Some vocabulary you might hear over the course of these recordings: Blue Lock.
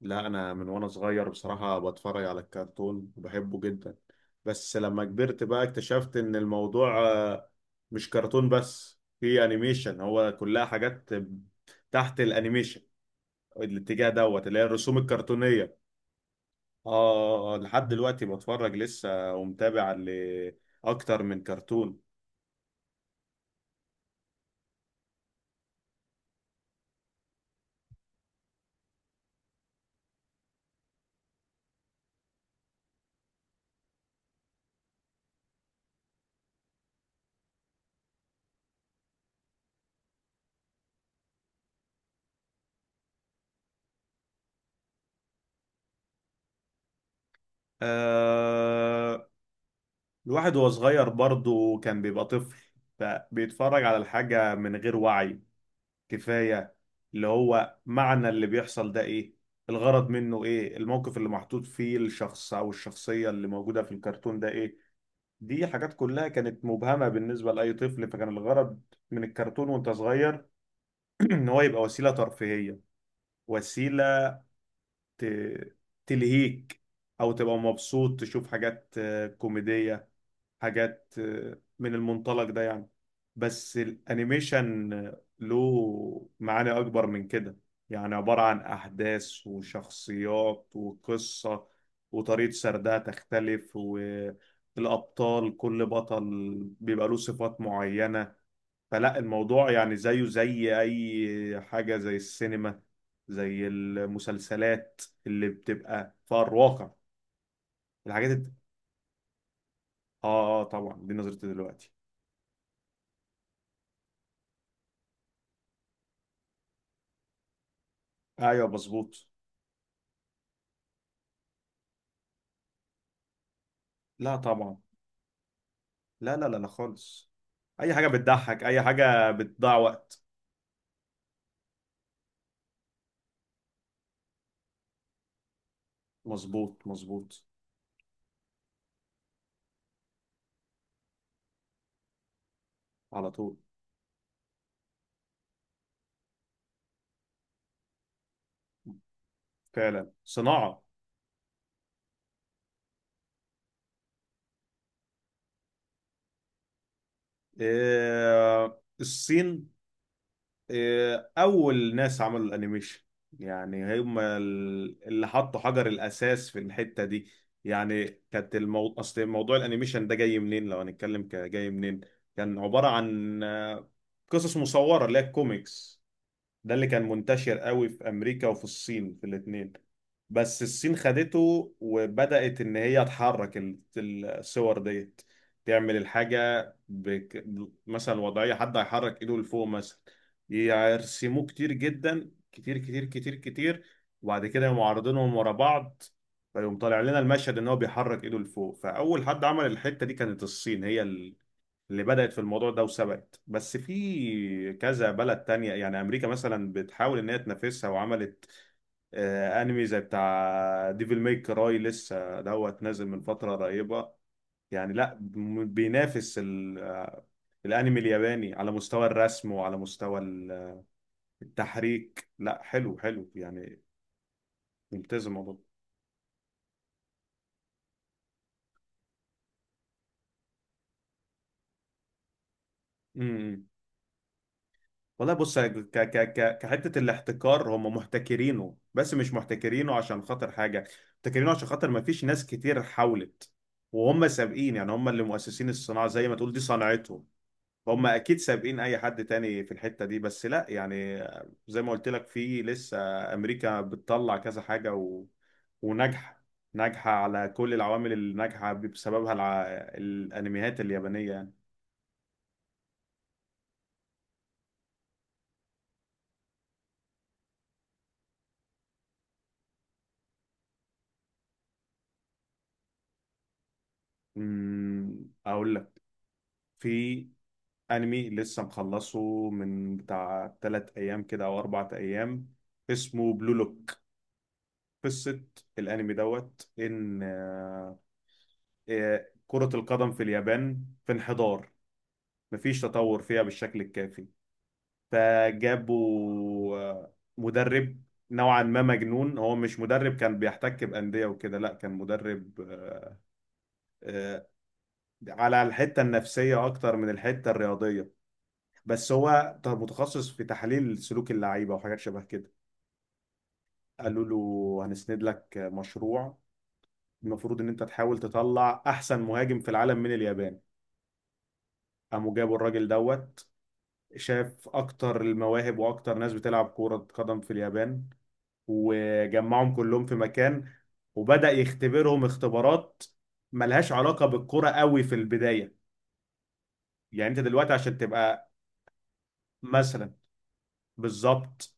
لا، انا من وانا صغير بصراحة بتفرج على الكرتون وبحبه جدا. بس لما كبرت بقى اكتشفت ان الموضوع مش كرتون بس، في انيميشن. هو كلها حاجات تحت الانيميشن، الاتجاه دوت اللي هي الرسوم الكرتونية. اه، لحد دلوقتي بتفرج لسه ومتابع لأكتر من كرتون. آه، الواحد وهو صغير برضه كان بيبقى طفل، فبيتفرج على الحاجة من غير وعي كفاية. اللي هو معنى اللي بيحصل ده ايه، الغرض منه ايه، الموقف اللي محطوط فيه الشخص او الشخصية اللي موجودة في الكرتون ده ايه. دي حاجات كلها كانت مبهمة بالنسبة لأي طفل، فكان الغرض من الكرتون وانت صغير ان هو يبقى وسيلة ترفيهية، وسيلة ت- تلهيك، او تبقى مبسوط تشوف حاجات كوميدية، حاجات من المنطلق ده يعني. بس الانيميشن له معاني اكبر من كده. يعني عبارة عن احداث وشخصيات وقصة، وطريقة سردها تختلف، والابطال كل بطل بيبقى له صفات معينة. فلا، الموضوع يعني زيه زي اي حاجة، زي السينما، زي المسلسلات اللي بتبقى في الواقع. الحاجات الت- اه، طبعا دي نظرتي دلوقتي. ايوه مظبوط. لا طبعا، لا لا لا لا خالص. اي حاجه بتضحك، اي حاجه بتضيع وقت. مظبوط مظبوط. على طول. فعلا صناعه. إيه الصين؟ إيه، اول ناس عملوا الانيميشن يعني هم اللي حطوا حجر الاساس في الحته دي. يعني كانت اصل موضوع الانيميشن ده جاي منين، لو هنتكلم كجاي منين. كان عباره عن قصص مصوره اللي هي الكوميكس. ده اللي كان منتشر قوي في امريكا وفي الصين، في الاتنين. بس الصين خدته وبدأت ان هي تحرك الصور ديت، تعمل الحاجة مثلا وضعية حد هيحرك ايده لفوق مثلا، يرسموه كتير جدا، كتير كتير كتير كتير، وبعد كده يقوموا عارضينهم ورا بعض، فيقوم طالع لنا المشهد ان هو بيحرك ايده لفوق. فاول حد عمل الحتة دي كانت الصين، هي اللي بدأت في الموضوع ده وسبقت. بس في كذا بلد تانية، يعني أمريكا مثلا بتحاول إن هي تنافسها، وعملت أنمي زي بتاع ديفل ميك كراي، لسه دوت نازل من فترة قريبة. يعني لا، بينافس الأنمي الياباني على مستوى الرسم وعلى مستوى التحريك، لا حلو حلو يعني. ممتاز الموضوع ده. والله بص، ك ك ك كحته الاحتكار هم محتكرينه، بس مش محتكرينه عشان خاطر حاجه، محتكرينه عشان خاطر ما فيش ناس كتير حاولت، وهم سابقين. يعني هم اللي مؤسسين الصناعه، زي ما تقول دي صنعتهم، هم اكيد سابقين اي حد تاني في الحته دي. بس لا يعني، زي ما قلت لك، في لسه امريكا بتطلع كذا حاجه وناجحه، ناجحه على كل العوامل اللي ناجحه بسببها الانميات اليابانيه يعني. اقول لك، في انمي لسه مخلصه من بتاع تلات ايام كده او اربع ايام، اسمه بلو لوك. قصة الانمي دوت ان كرة القدم في اليابان في انحدار، مفيش تطور فيها بالشكل الكافي. فجابوا مدرب نوعا ما مجنون. هو مش مدرب كان بيحتك بأندية وكده، لا، كان مدرب آه، على الحتة النفسية اكتر من الحتة الرياضية. بس هو متخصص في تحليل سلوك اللعيبه وحاجات شبه كده. قالوا له: هنسند لك مشروع، المفروض ان انت تحاول تطلع احسن مهاجم في العالم من اليابان. قاموا جابوا الراجل دوت، شاف اكتر المواهب واكتر ناس بتلعب كرة قدم في اليابان، وجمعهم كلهم في مكان، وبدأ يختبرهم اختبارات ملهاش علاقة بالكرة قوي في البداية. يعني انت دلوقتي عشان تبقى مثلا. بالظبط،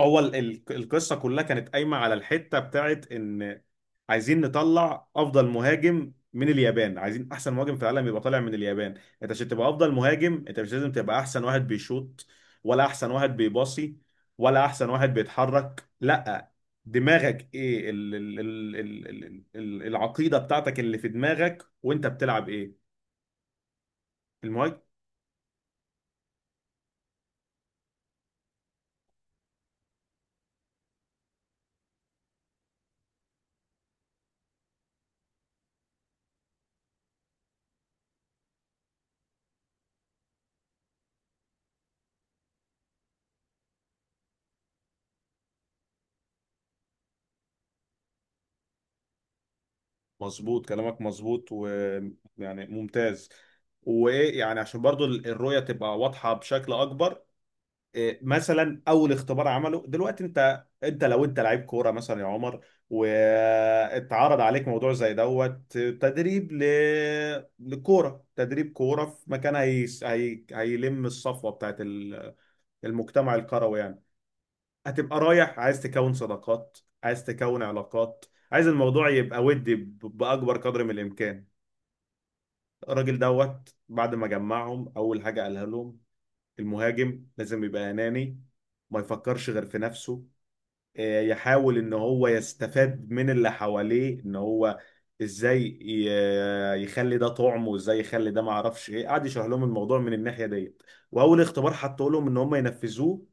هو القصه كلها كانت قايمه على الحته بتاعت ان عايزين نطلع افضل مهاجم من اليابان، عايزين احسن مهاجم في العالم يبقى طالع من اليابان. انت عشان تبقى افضل مهاجم، انت مش لازم تبقى احسن واحد بيشوط، ولا احسن واحد بيباصي، ولا احسن واحد بيتحرك. لا، دماغك ايه، ال ال ال ال ال ال العقيده بتاعتك اللي في دماغك وانت بتلعب ايه. المهاجم مظبوط كلامك، مظبوط ويعني ممتاز. وايه يعني، عشان برضو الرؤية تبقى واضحة بشكل اكبر. إيه مثلا اول اختبار عمله؟ دلوقتي انت لو انت لعيب كورة مثلا يا عمر، واتعرض عليك موضوع زي دوت، تدريب لكورة، تدريب كورة في مكان هيلم الصفوة بتاعت المجتمع الكروي يعني. هتبقى رايح عايز تكون صداقات، عايز تكون علاقات، عايز الموضوع يبقى ودي بأكبر قدر من الإمكان. الراجل دوت بعد ما جمعهم، اول حاجه قالها لهم: المهاجم لازم يبقى اناني، ما يفكرش غير في نفسه، يحاول ان هو يستفاد من اللي حواليه. ان هو ازاي يخلي ده طعم، وازاي يخلي ده ما اعرفش ايه، قعد يشرح لهم الموضوع من الناحيه ديت. واول اختبار حطوا لهم ان هم ينفذوه: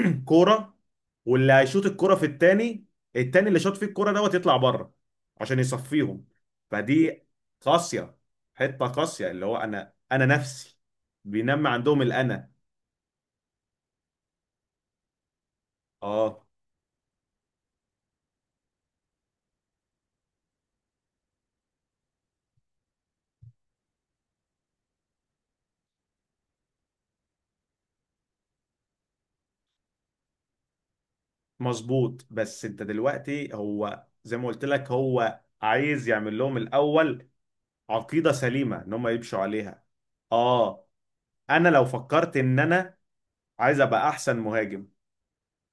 الكوره، واللي هيشوط الكوره في التاني، التاني اللي شاط فيه الكوره دوت يطلع بره، عشان يصفيهم. فدي قاسيه، حته قاسيه، اللي هو انا نفسي بينمي عندهم الانا. اه مظبوط. بس انت دلوقتي، هو زي ما قلت لك، هو عايز يعمل لهم الاول عقيده سليمه ان هم يمشوا عليها. اه. انا لو فكرت ان انا عايز ابقى احسن مهاجم،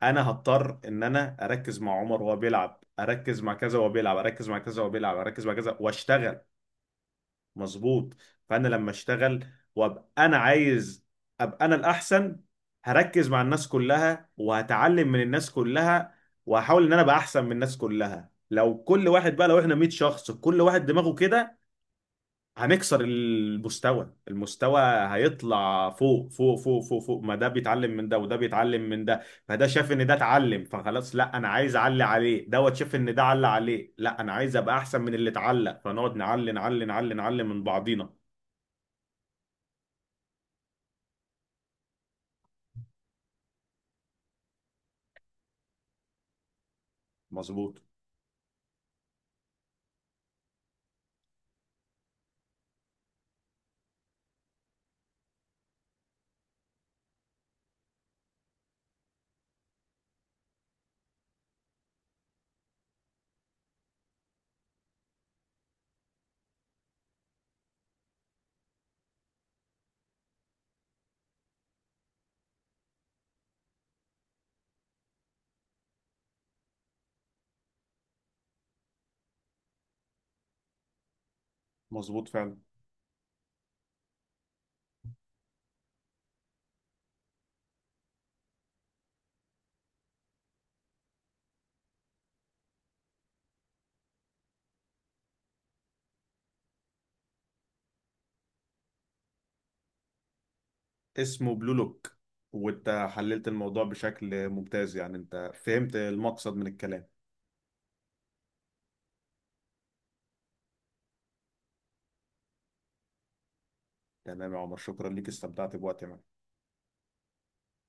انا هضطر ان انا اركز مع عمر وهو بيلعب، اركز مع كذا وهو بيلعب، اركز مع كذا وهو بيلعب، اركز مع كذا واشتغل. مظبوط. فانا لما اشتغل وابقى انا عايز ابقى انا الاحسن، هركز مع الناس كلها وهتعلم من الناس كلها، وهحاول ان انا ابقى احسن من الناس كلها. لو كل واحد بقى، لو احنا 100 شخص كل واحد دماغه كده، هنكسر المستوى، المستوى هيطلع فوق فوق فوق فوق فوق، ما ده بيتعلم من ده وده بيتعلم من ده. فده شاف ان ده اتعلم فخلاص، لا انا عايز اعلي عليه، دوت شاف ان ده علق عليه، لا انا عايز ابقى احسن من اللي اتعلق، فنقعد نعلي نعلي نعلي نعلي من بعضينا. مظبوط مظبوط فعلا. اسمه بلو لوك. وانت حللت الموضوع بشكل ممتاز، يعني انت فهمت المقصد من الكلام. تمام يا عمر، شكرا ليك، استمتعت بوقتي معاك.